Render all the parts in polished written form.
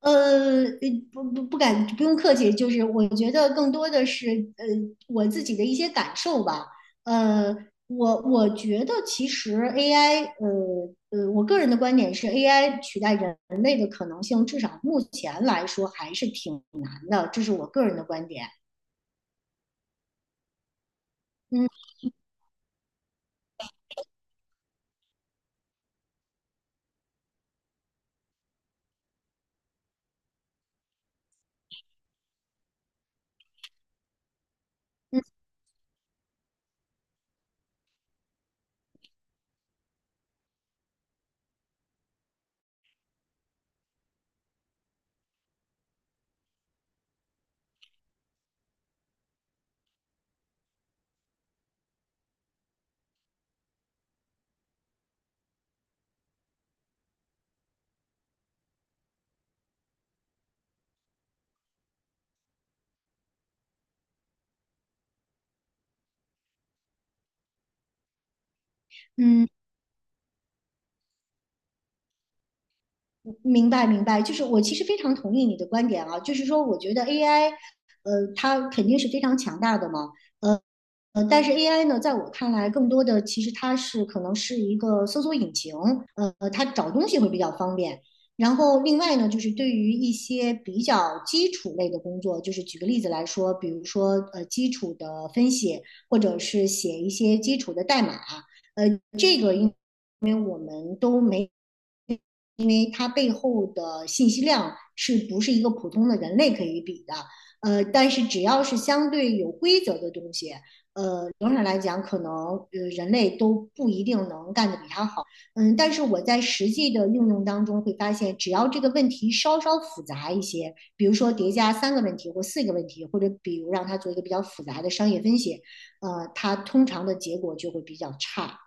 呃，呃不不不敢，不用客气，就是我觉得更多的是呃我自己的一些感受吧。呃，我觉得其实 AI，我个人的观点是 AI 取代人类的可能性，至少目前来说还是挺难的，这是我个人的观点。嗯嗯嗯，明白明白，就是我其实非常同意你的观点啊，就是说我觉得 AI,它肯定是非常强大的嘛。呃。但是 AI 呢，在我看来，更多的其实它是可能是一个搜索引擎，它找东西会比较方便。然后另外呢，就是对于一些比较基础类的工作，就是举个例子来说，比如说基础的分析，或者是写一些基础的代码，呃，这个应因为我们都没，因为它背后的信息量是不是一个普通的人类可以比的？但是只要是相对有规则的东西，总体来讲，可能人类都不一定能干得比它好。嗯，但是我在实际的应用当中会发现，只要这个问题稍稍复杂一些，比如说叠加三个问题或四个问题，或者比如让它做一个比较复杂的商业分析，它通常的结果就会比较差。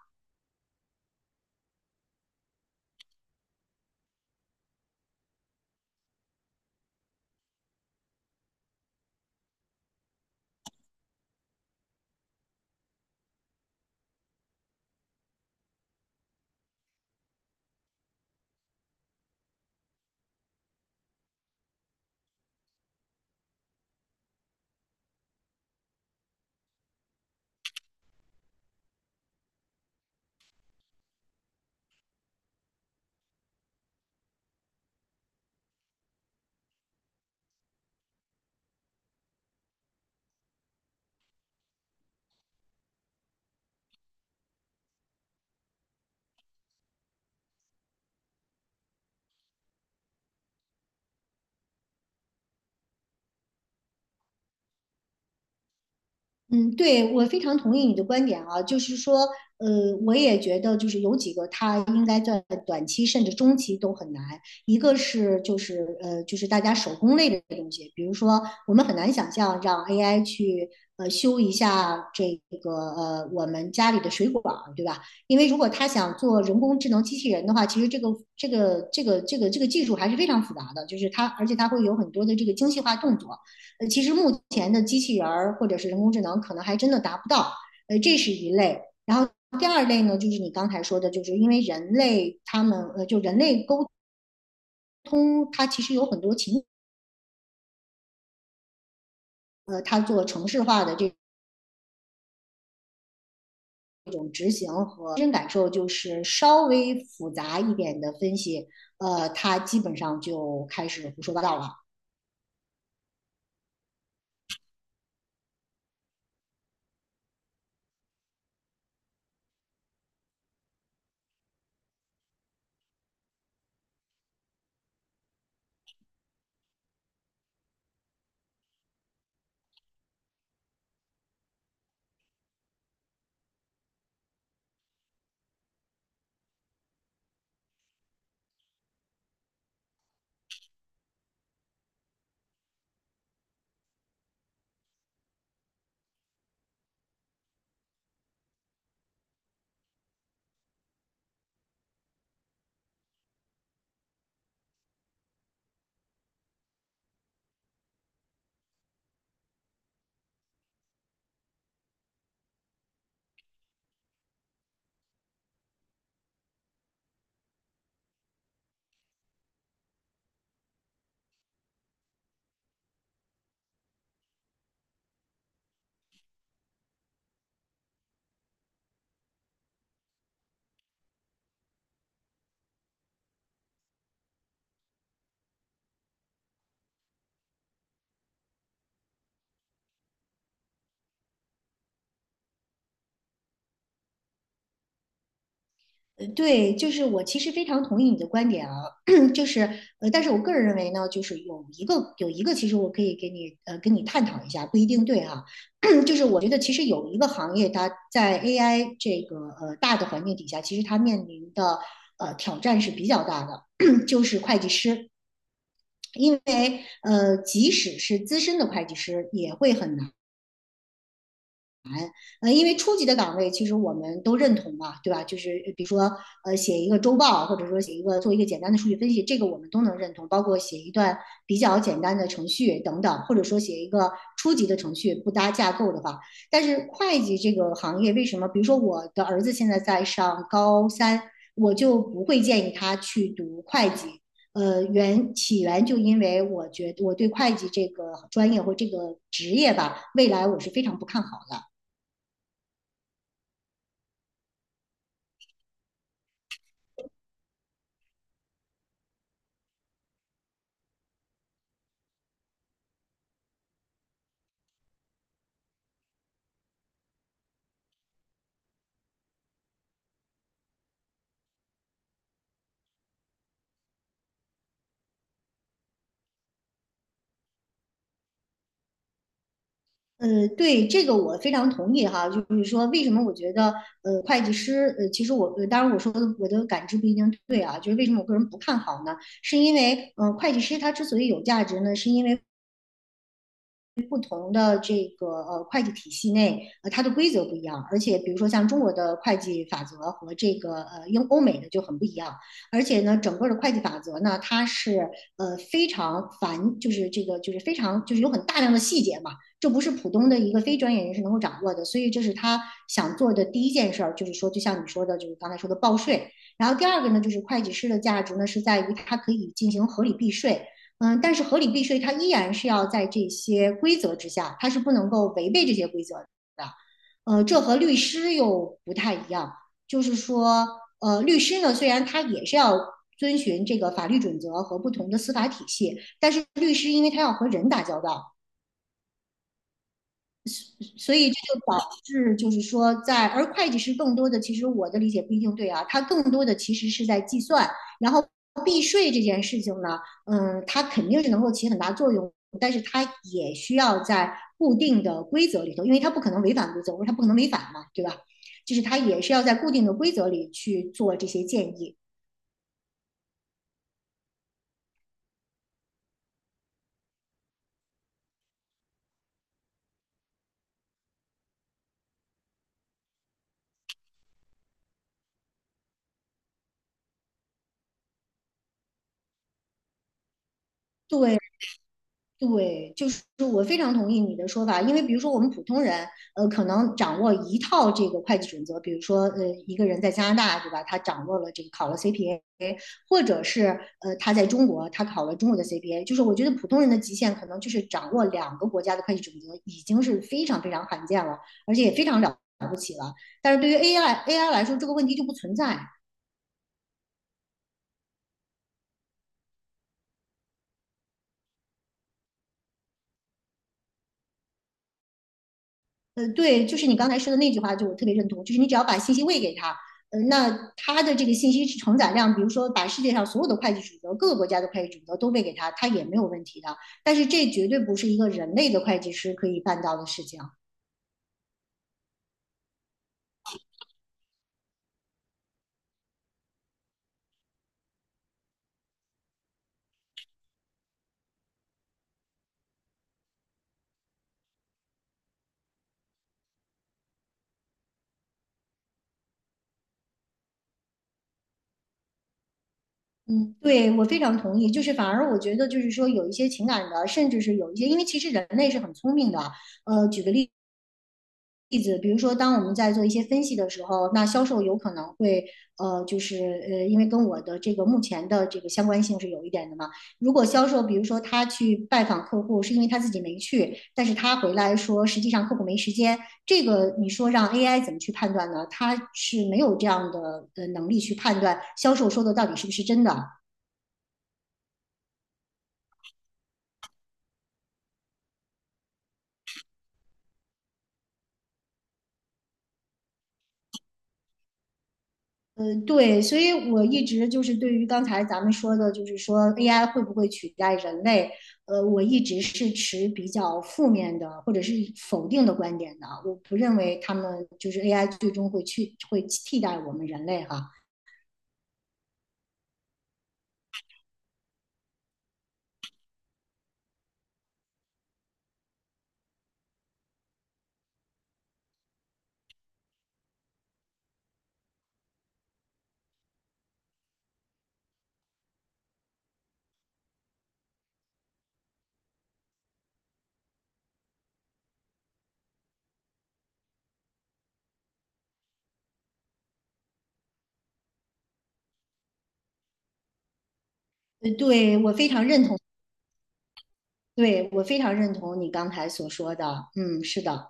嗯，对，我非常同意你的观点啊，就是说，我也觉得就是有几个它应该在短期甚至中期都很难。一个是就是大家手工类的东西，比如说我们很难想象让 AI 去修一下这个我们家里的水管儿，对吧？因为如果他想做人工智能机器人的话，其实这个技术还是非常复杂的，就是它而且它会有很多的这个精细化动作。其实目前的机器人儿或者是人工智能可能还真的达不到，这是一类。然后第二类呢，就是你刚才说的，就是因为人类就人类沟通，它其实有很多情。它做程式化的这种执行和真感受，就是稍微复杂一点的分析，它基本上就开始胡说八道了。对，就是我其实非常同意你的观点啊，就是但是我个人认为呢，就是有一个，其实我可以跟你探讨一下，不一定对哈、就是我觉得其实有一个行业，它在 AI 这个大的环境底下，其实它面临的挑战是比较大的，就是会计师，因为即使是资深的会计师也会很难，因为初级的岗位其实我们都认同嘛，对吧？就是比如说写一个周报，或者说写一个做一个简单的数据分析，这个我们都能认同，包括写一段比较简单的程序等等，或者说写一个初级的程序不搭架构的话。但是会计这个行业为什么？比如说我的儿子现在在上高三，我就不会建议他去读会计。原起源就因为我觉得我对会计这个专业或这个职业吧，未来我是非常不看好的。对，这个我非常同意哈，就是说为什么我觉得会计师，其实我当然我说的我的感知不一定对啊，就是为什么我个人不看好呢？是因为会计师他之所以有价值呢，是因为不同的这个会计体系内，它的规则不一样，而且比如说像中国的会计法则和这个英欧美的就很不一样，而且呢，整个的会计法则呢，它是非常繁，就是这个就是非常就是有很大量的细节嘛，这不是普通的一个非专业人士能够掌握的，所以这是他想做的第一件事儿，就是说就像你说的，就是刚才说的报税，然后第二个呢，就是会计师的价值呢是在于它可以进行合理避税。嗯，但是合理避税它依然是要在这些规则之下，它是不能够违背这些规则的。这和律师又不太一样，就是说，律师呢虽然他也是要遵循这个法律准则和不同的司法体系，但是律师因为他要和人打交道，所以这就导致，就是说在，而会计师更多的，其实我的理解不一定对啊，他更多的其实是在计算，然后避税这件事情呢，嗯，它肯定是能够起很大作用，但是它也需要在固定的规则里头，因为它不可能违反规则，我说它不可能违反嘛，对吧？就是它也是要在固定的规则里去做这些建议。对，对，就是我非常同意你的说法，因为比如说我们普通人，可能掌握一套这个会计准则，比如说，一个人在加拿大，对吧？他掌握了这个考了 CPA，或者是他在中国，他考了中国的 CPA，就是我觉得普通人的极限可能就是掌握两个国家的会计准则，已经是非常非常罕见了，而且也非常了不起了。但是对于 AI 来说，这个问题就不存在，对，就是你刚才说的那句话，就我特别认同，就是你只要把信息喂给他，那他的这个信息承载量，比如说把世界上所有的会计准则、各个国家的会计准则都喂给他，他也没有问题的。但是这绝对不是一个人类的会计师可以办到的事情。嗯，对，我非常同意。就是反而我觉得，就是说有一些情感的，甚至是有一些，因为其实人类是很聪明的。举个例子，比如说，当我们在做一些分析的时候，那销售有可能会，就是因为跟我的这个目前的这个相关性是有一点的嘛。如果销售，比如说他去拜访客户，是因为他自己没去，但是他回来说，实际上客户没时间，这个你说让 AI 怎么去判断呢？他是没有这样的能力去判断销售说的到底是不是真的。对，所以我一直就是对于刚才咱们说的，就是说 AI 会不会取代人类，我一直是持比较负面的或者是否定的观点的。我不认为他们就是 AI 最终会替代我们人类哈。对，我非常认同，对，我非常认同你刚才所说的。嗯，是的，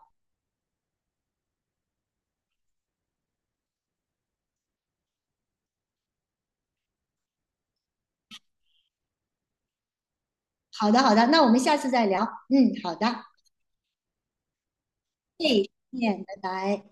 好的，好的，那我们下次再聊。嗯，好的，哎再见，拜拜。